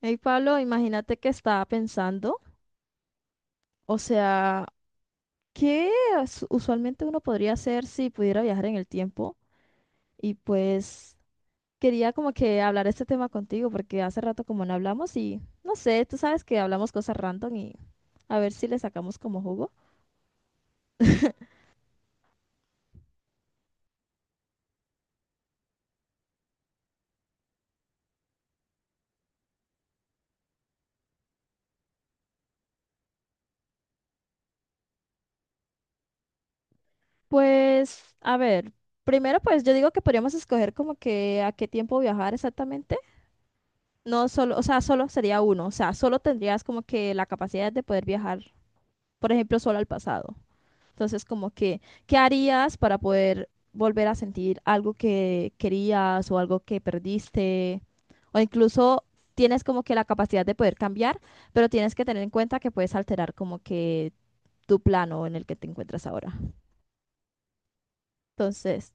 Hey Pablo, imagínate que estaba pensando, o sea, ¿qué usualmente uno podría hacer si pudiera viajar en el tiempo? Y pues quería como que hablar este tema contigo porque hace rato como no hablamos y no sé, tú sabes que hablamos cosas random y a ver si le sacamos como jugo. Pues, a ver, primero pues yo digo que podríamos escoger como que a qué tiempo viajar exactamente. No solo, o sea, solo sería uno, o sea, solo tendrías como que la capacidad de poder viajar, por ejemplo, solo al pasado. Entonces, como que, ¿qué harías para poder volver a sentir algo que querías o algo que perdiste? O incluso tienes como que la capacidad de poder cambiar, pero tienes que tener en cuenta que puedes alterar como que tu plano en el que te encuentras ahora. Entonces,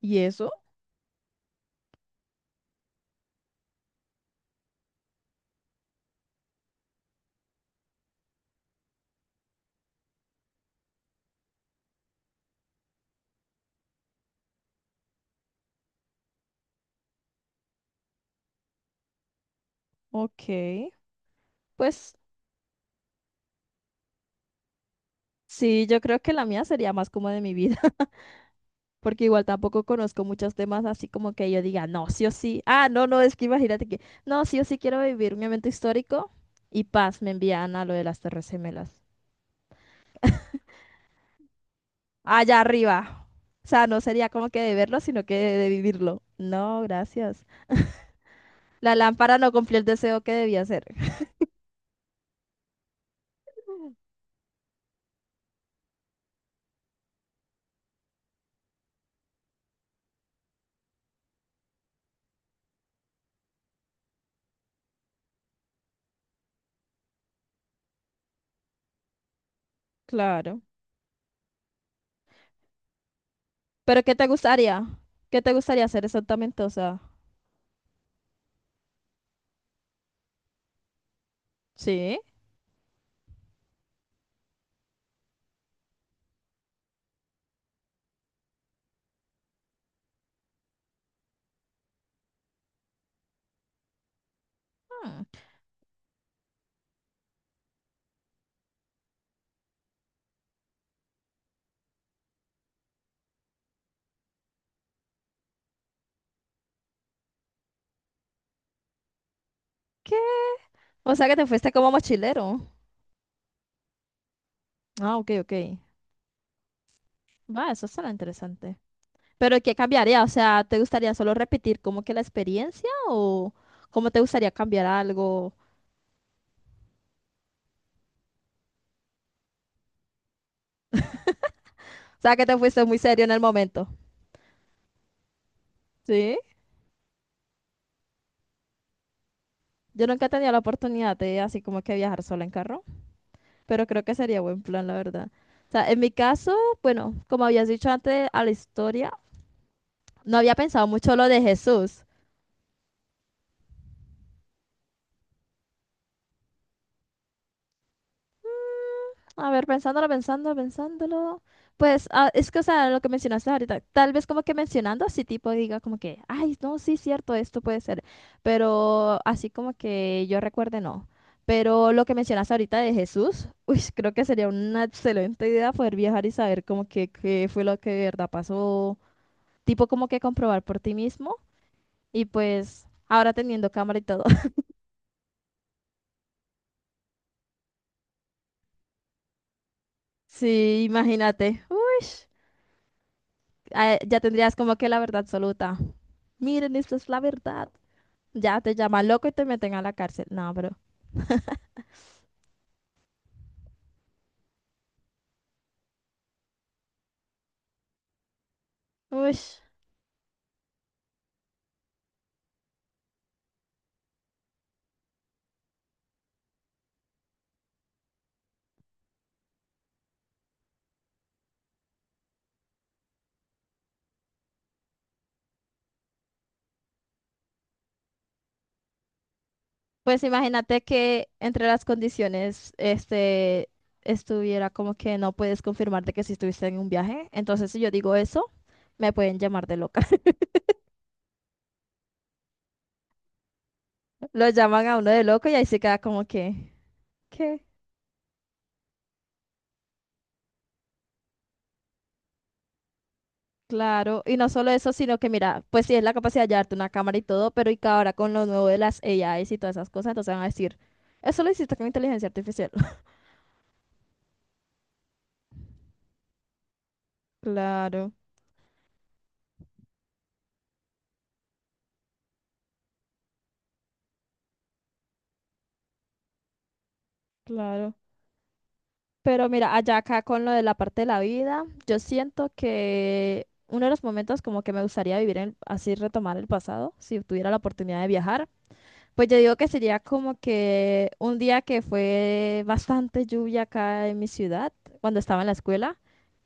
¿y eso? Ok. Pues sí, yo creo que la mía sería más como de mi vida. Porque igual tampoco conozco muchos temas así como que yo diga, no, sí o sí. Ah, no, no, es que imagínate que, no, sí o sí quiero vivir un evento histórico y paz, me envían a lo de las Torres Gemelas. Allá arriba. O sea, no sería como que de verlo, sino que de vivirlo. No, gracias. La lámpara no cumplió el deseo que debía hacer. Claro. Pero ¿qué te gustaría? ¿Qué te gustaría hacer exactamente? O sea, ¿sí? Hmm. ¿Qué? O sea, que te fuiste como mochilero. Ah, ok, ok. Va, eso será interesante. Pero ¿qué cambiaría? O sea, ¿te gustaría solo repetir como que la experiencia o cómo te gustaría cambiar algo? O sea, que te fuiste muy serio en el momento. Sí. Yo nunca he tenido la oportunidad de así como que viajar sola en carro, pero creo que sería buen plan, la verdad. O sea, en mi caso, bueno, como habías dicho antes a la historia, no había pensado mucho lo de Jesús. A ver, pensándolo, pensándolo, pensándolo. Pues ah, es que, o sea, lo que mencionaste ahorita, tal vez como que mencionando así tipo diga como que, ay, no, sí, cierto, esto puede ser, pero así como que yo recuerde no. Pero lo que mencionaste ahorita de Jesús, uy, creo que sería una excelente idea poder viajar y saber como que qué fue lo que de verdad pasó, tipo como que comprobar por ti mismo y pues ahora teniendo cámara y todo. Sí, imagínate, uy, ah, ya tendrías como que la verdad absoluta. Miren, esta es la verdad. Ya te llaman loco y te meten a la cárcel. No, bro. Uy, pues imagínate que entre las condiciones, este, estuviera como que no puedes confirmarte que si estuviste en un viaje. Entonces, si yo digo eso, me pueden llamar de loca. Lo llaman a uno de loco y ahí se queda como que, ¿qué? Claro, y no solo eso, sino que mira, pues sí es la capacidad de llevarte una cámara y todo, pero y que ahora con lo nuevo de las AIs y todas esas cosas, entonces van a decir, eso lo hiciste con inteligencia artificial. Claro, claro. Pero mira, allá acá con lo de la parte de la vida, yo siento que uno de los momentos como que me gustaría vivir en, así retomar el pasado, si tuviera la oportunidad de viajar, pues yo digo que sería como que un día que fue bastante lluvia acá en mi ciudad, cuando estaba en la escuela,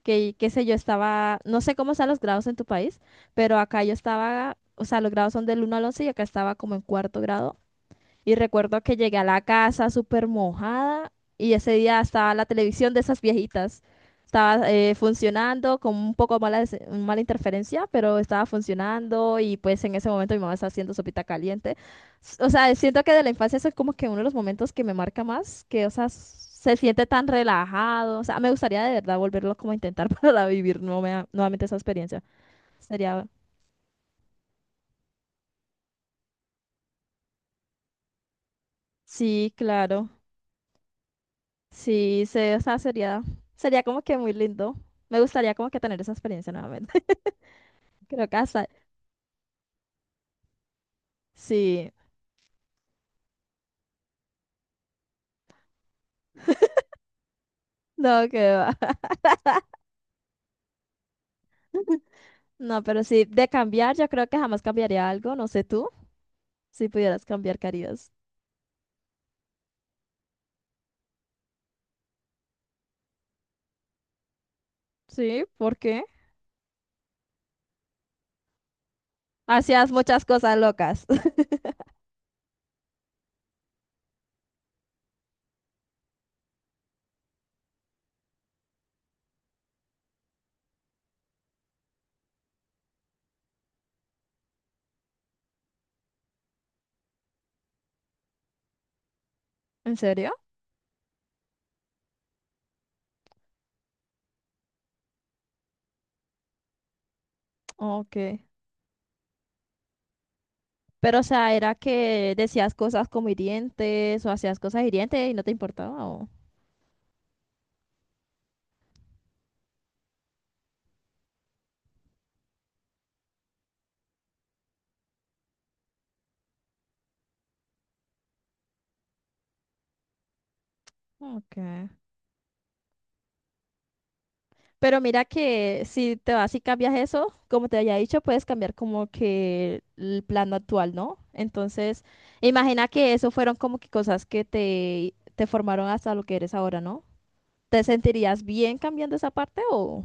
que qué sé yo, estaba, no sé cómo están los grados en tu país, pero acá yo estaba, o sea, los grados son del uno al 11 y acá estaba como en cuarto grado. Y recuerdo que llegué a la casa súper mojada y ese día estaba la televisión de esas viejitas. Estaba funcionando con un poco mala, mala interferencia, pero estaba funcionando y pues en ese momento mi mamá estaba haciendo sopita caliente. O sea, siento que de la infancia eso es como que uno de los momentos que me marca más, que o sea, s- se siente tan relajado. O sea, me gustaría de verdad volverlo como a intentar para vivir nuevamente esa experiencia. Sería, sí, claro. Sí, se, o sea, sería, sería como que muy lindo. Me gustaría como que tener esa experiencia nuevamente. Creo que hasta, sí, no, que va. No, pero sí, de cambiar, yo creo que jamás cambiaría algo. No sé tú, si pudieras cambiar, ¿qué harías? Sí, ¿por qué? Hacías muchas cosas locas. ¿En serio? Ok. Pero, o sea, era que decías cosas como hirientes o hacías cosas hirientes y no te importaba. Ok. Pero mira que si te vas y cambias eso, como te había dicho, puedes cambiar como que el plano actual, ¿no? Entonces, imagina que eso fueron como que cosas que te formaron hasta lo que eres ahora, ¿no? ¿Te sentirías bien cambiando esa parte o...?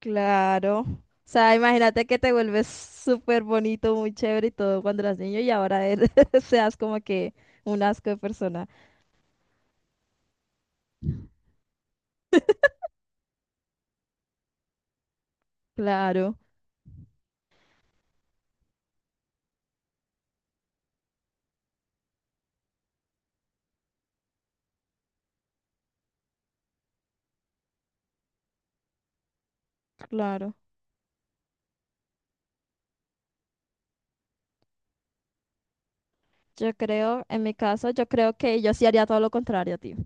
Claro. O sea, imagínate que te vuelves súper bonito, muy chévere y todo cuando eras niño y ahora eres, seas como que un asco de persona. Claro, claro. Yo creo, en mi caso, yo creo que yo sí haría todo lo contrario, tío.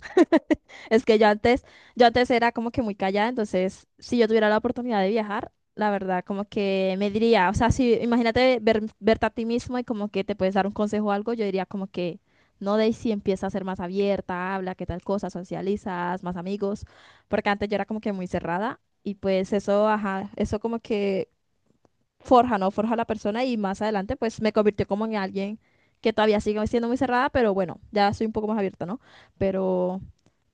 Es que yo antes era como que muy callada, entonces si yo tuviera la oportunidad de viajar, la verdad, como que me diría, o sea, si imagínate ver, verte a ti mismo y como que te puedes dar un consejo o algo, yo diría como que, no, Daisy, empieza a ser más abierta, habla, qué tal cosa, socializas, más amigos, porque antes yo era como que muy cerrada y pues eso, ajá, eso como que forja, ¿no? Forja a la persona y más adelante pues me convirtió como en alguien que todavía sigue siendo muy cerrada, pero bueno, ya soy un poco más abierta, ¿no? Pero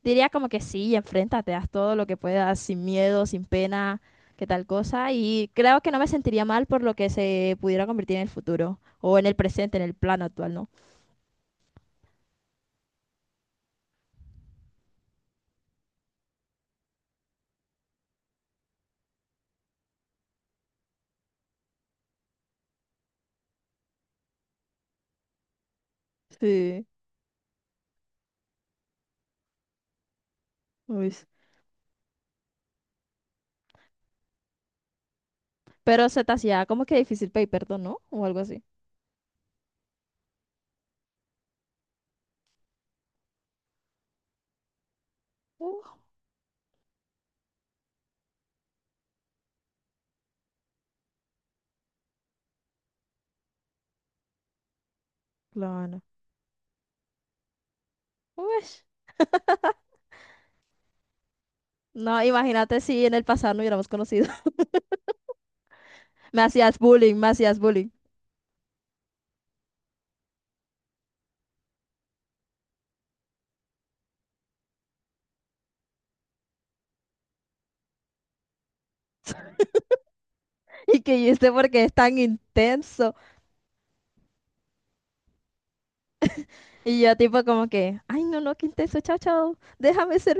diría como que sí, enfréntate, haz todo lo que puedas, sin miedo, sin pena, que tal cosa. Y creo que no me sentiría mal por lo que se pudiera convertir en el futuro o en el presente, en el plano actual, ¿no? Sí, uy. Pero se te hacía como que difícil pedir perdón, ¿no? O algo así. Uh, plano. Uy. No, imagínate si en el pasado no hubiéramos conocido. Me hacías bullying, me hacías bullying. Y que yo este porque es tan intenso. Y yo tipo como que, ay, no, no, qué intenso, chao, chao.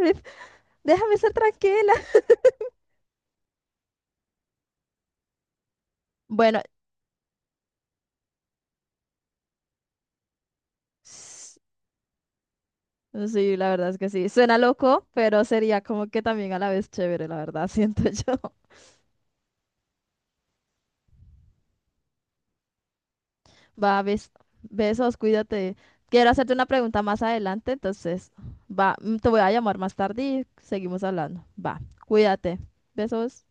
Déjame ser tranquila. Bueno, s- sí, la verdad es que sí. Suena loco, pero sería como que también a la vez chévere, la verdad, siento yo. Va, besos, cuídate. Quiero hacerte una pregunta más adelante, entonces, va, te voy a llamar más tarde y seguimos hablando. Va, cuídate. Besos.